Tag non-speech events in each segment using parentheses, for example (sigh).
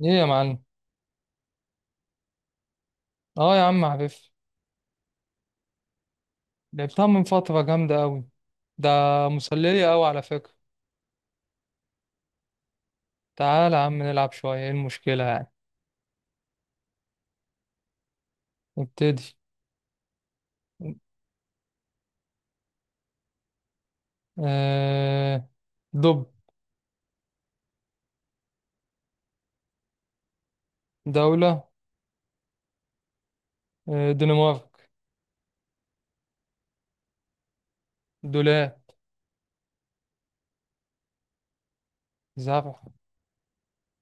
ايه يا معلم. اه يا عم عارف. لعبتها من فترة جامدة أوي. ده مسلية أوي على فكرة. تعال يا عم نلعب شوية، ايه المشكلة يعني؟ نبتدي. آه... دب. دولة. دنمارك. دولاب. زرع.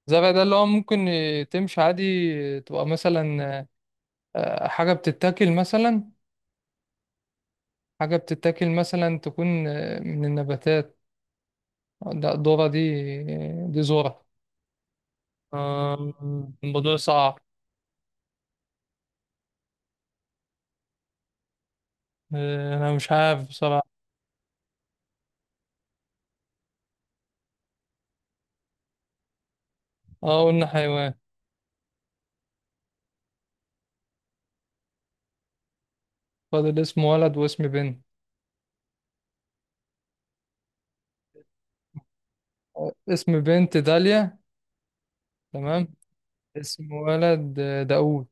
زرع ده اللي هو ممكن تمشي عادي. تبقى مثلا، حاجة بتتاكل مثلا. حاجة بتتاكل مثلا تكون من النباتات. ده ذرة دي، دي ذرة. آه، الموضوع صعب. انا مش عارف بصراحة. اه قلنا حيوان. فاضل اسم ولد واسم بنت. اسم بنت داليا. تمام. اسم ولد داوود.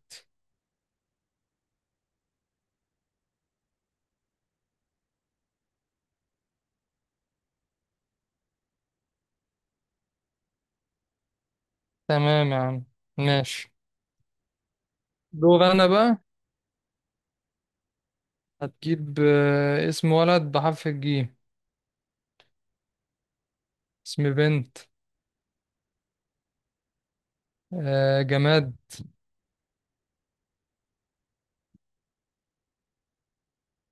تمام يا عم. ماشي. دور انا بقى. هتجيب اسم ولد بحرف الجيم. اسم بنت. جماد.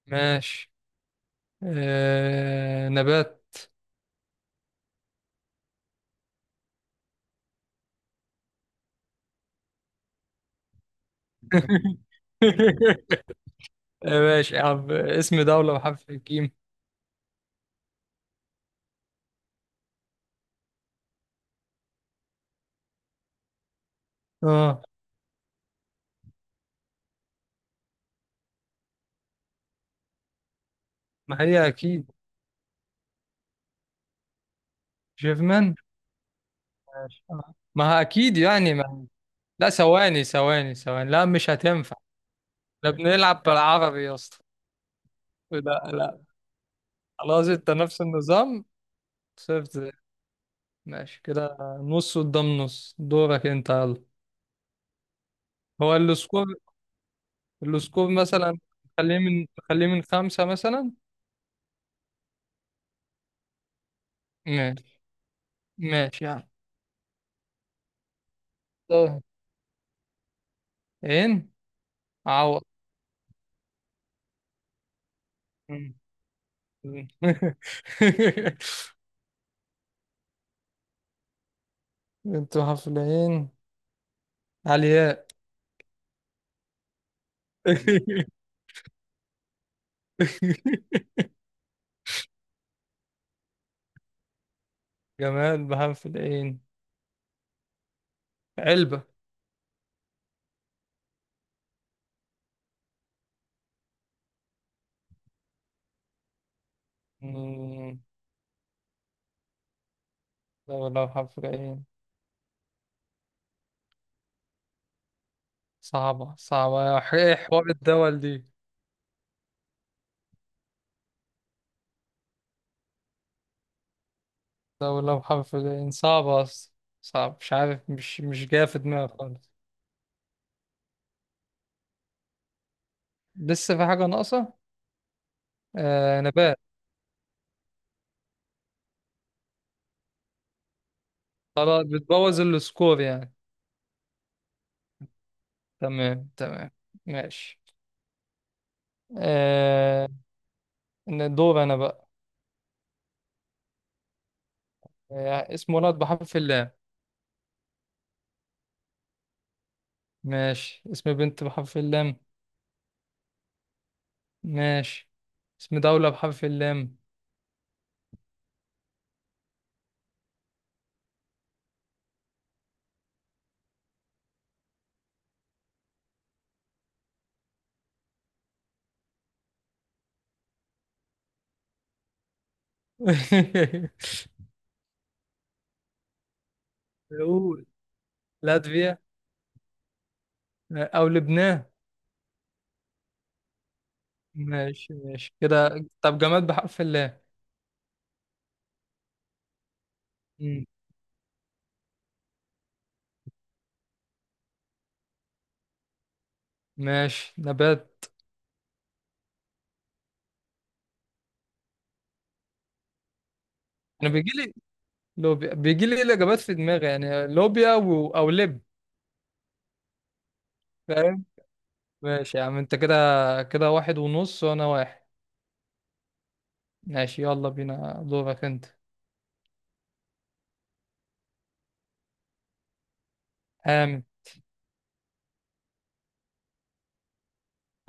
ماشي. نبات. (laughs) ماشي يا عم. اسم دولة بحرف الجيم. اه، ما هي اكيد جيرمان. ماشي. ما هي اكيد يعني ما لا، ثواني ثواني ثواني، لا مش هتنفع. احنا بنلعب بالعربي يا اسطى. لا. لا. خلاص، انت نفس النظام. صفر صفر. ماشي كده، نص قدام نص. دورك انت، يلا. هو السكور؟ السكور مثلا. خليه من خمسة مثلا. ماشي. ماشي يعني. طيب. عين. عوض. م. م. (laughs) انتوا حفلين. علياء. (laughs) جمال بحرف العين؟ علبة. م. دولة بحرف العين. صعبة صعبة، ايه حوار الدول دي؟ دولة بحرف العين صعبة أصلا. صعب، مش عارف، مش جاية في دماغي خالص. لسه في حاجة ناقصة. آه، نبات. خلاص، بتبوظ السكور يعني. تمام تمام. ماشي. آه، دور أنا بقى. آه، اسم ولد بحرف اللام. ماشي، اسم بنت بحرف اللام. ماشي. اسم دولة بحرف اللام. (laughs) قول. لاتفيا. أو لبنان. ماشي ماشي كده. طب جماد بحرف اللام. مم. ماشي، نبات. انا بيجي لي لوبيا، بيجي لي الاجابات في دماغي يعني، لوبيا او لب. فاهم. ماشي يا عم، انت كده. كده واحد ونص وانا واحد. ماشي، يلا بينا، دورك انت. حامد.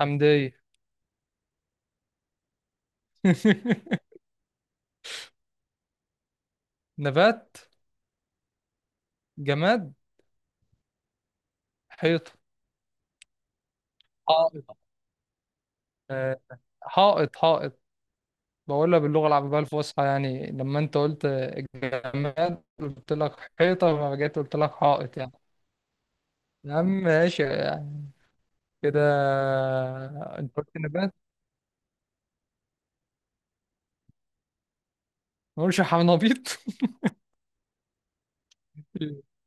حمدية. (laughs) نبات. جماد. حيطة. حائط. آه، حائط حائط. بقولها باللغة العربية الفصحى، يعني لما انت قلت جماد قلت لك حيطة، لما جيت قلت لك حائط يعني. يا عم ماشي يعني. كده. انت قلت نبات؟ ما اقولش حنبيط.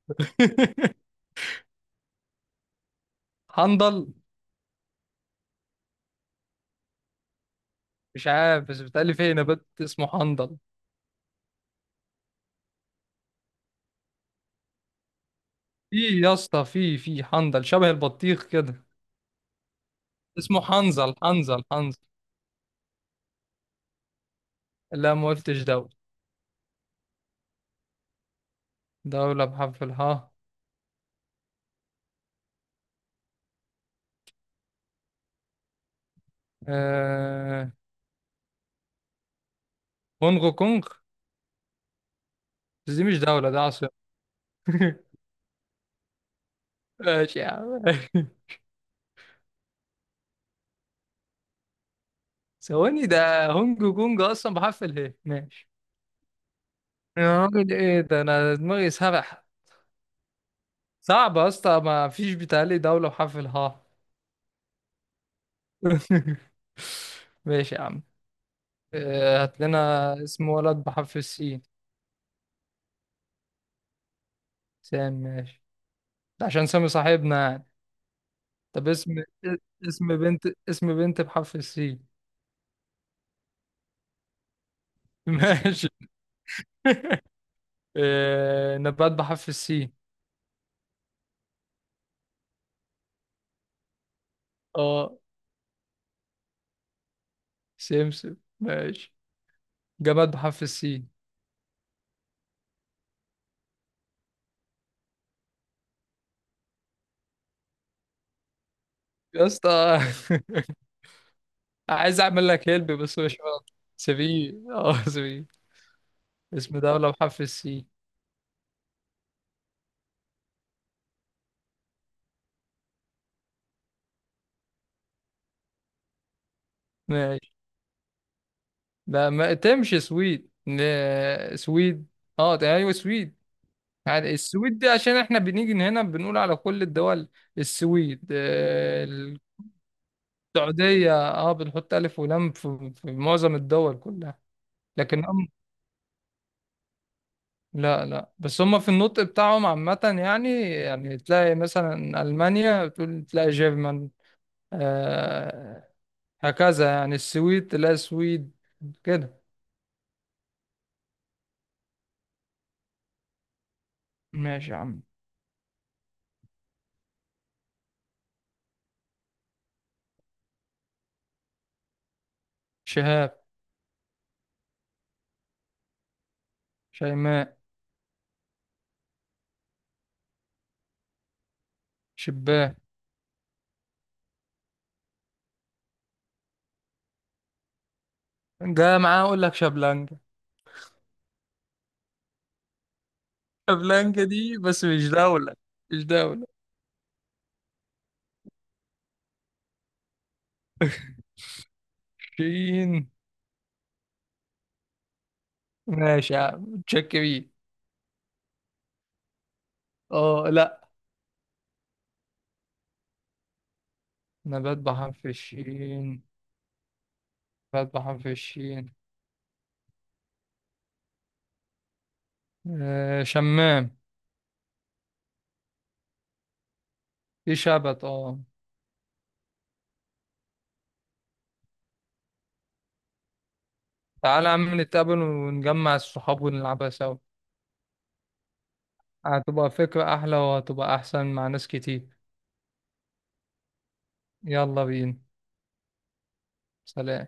(laughs) حنظل. مش عارف، بس بتقلي فيه نبات اسمه حنظل. في، يا اسطى، في حنظل شبه البطيخ كده. اسمه حنظل حنظل حنظل. لا، ما قلتش دولة. دولة بحرف الهاء. آه... كونغو كونغ، بس دي مش دولة، ده عاصمة. (laughs) ماشي يا عم. (laughs) ثواني، ده هونج كونج اصلا بحرف اله، ماشي. يا راجل، ايه ده، انا دماغي سرح. صعب يا اسطى، ما فيش بيتهيألي دولة وحرف الهاء. (laughs) ماشي يا عم. هات لنا اسم ولد بحرف السين. سام، ماشي. ده عشان سامي صاحبنا يعني. طب اسم، اسم بنت، اسم بنت بحرف السين. (laughs) ماشي. (laughs) نبات بحرف السين. اه، سمسم، ماشي. جماد بحرف السين. يا اسطى، (laughs) عايز اعمل لك هيلب بس مش راضي. سبي. اسم دولة بحرف السين. ماشي. لا، ما تمشي سويد. سويد. اه ايوه، سويد. يعني السويد دي عشان احنا بنيجي هنا بنقول على كل الدول، السويد، السعودية. اه، بنحط ألف ولام في معظم الدول كلها. لكن هم، لا لا، بس هم في النطق بتاعهم عامة يعني تلاقي مثلا ألمانيا تقول تلاقي جيرمان. آه، هكذا يعني، السويد تلاقي سويد كده. ماشي يا عم. شهاب. شيماء. شباه. ده معاه، اقول لك شابلانكا. شابلانكا دي بس مش دولة. مش دولة. شين. ماشي يا عم، تشك بيه. اه لا، نبات بحر في الشين نبات بحر في الشين. آه، شمام. في شبت، اه. تعالى يا عم نتقابل ونجمع الصحاب ونلعبها سوا. هتبقى فكرة أحلى وهتبقى أحسن مع ناس كتير. يلا بينا. سلام.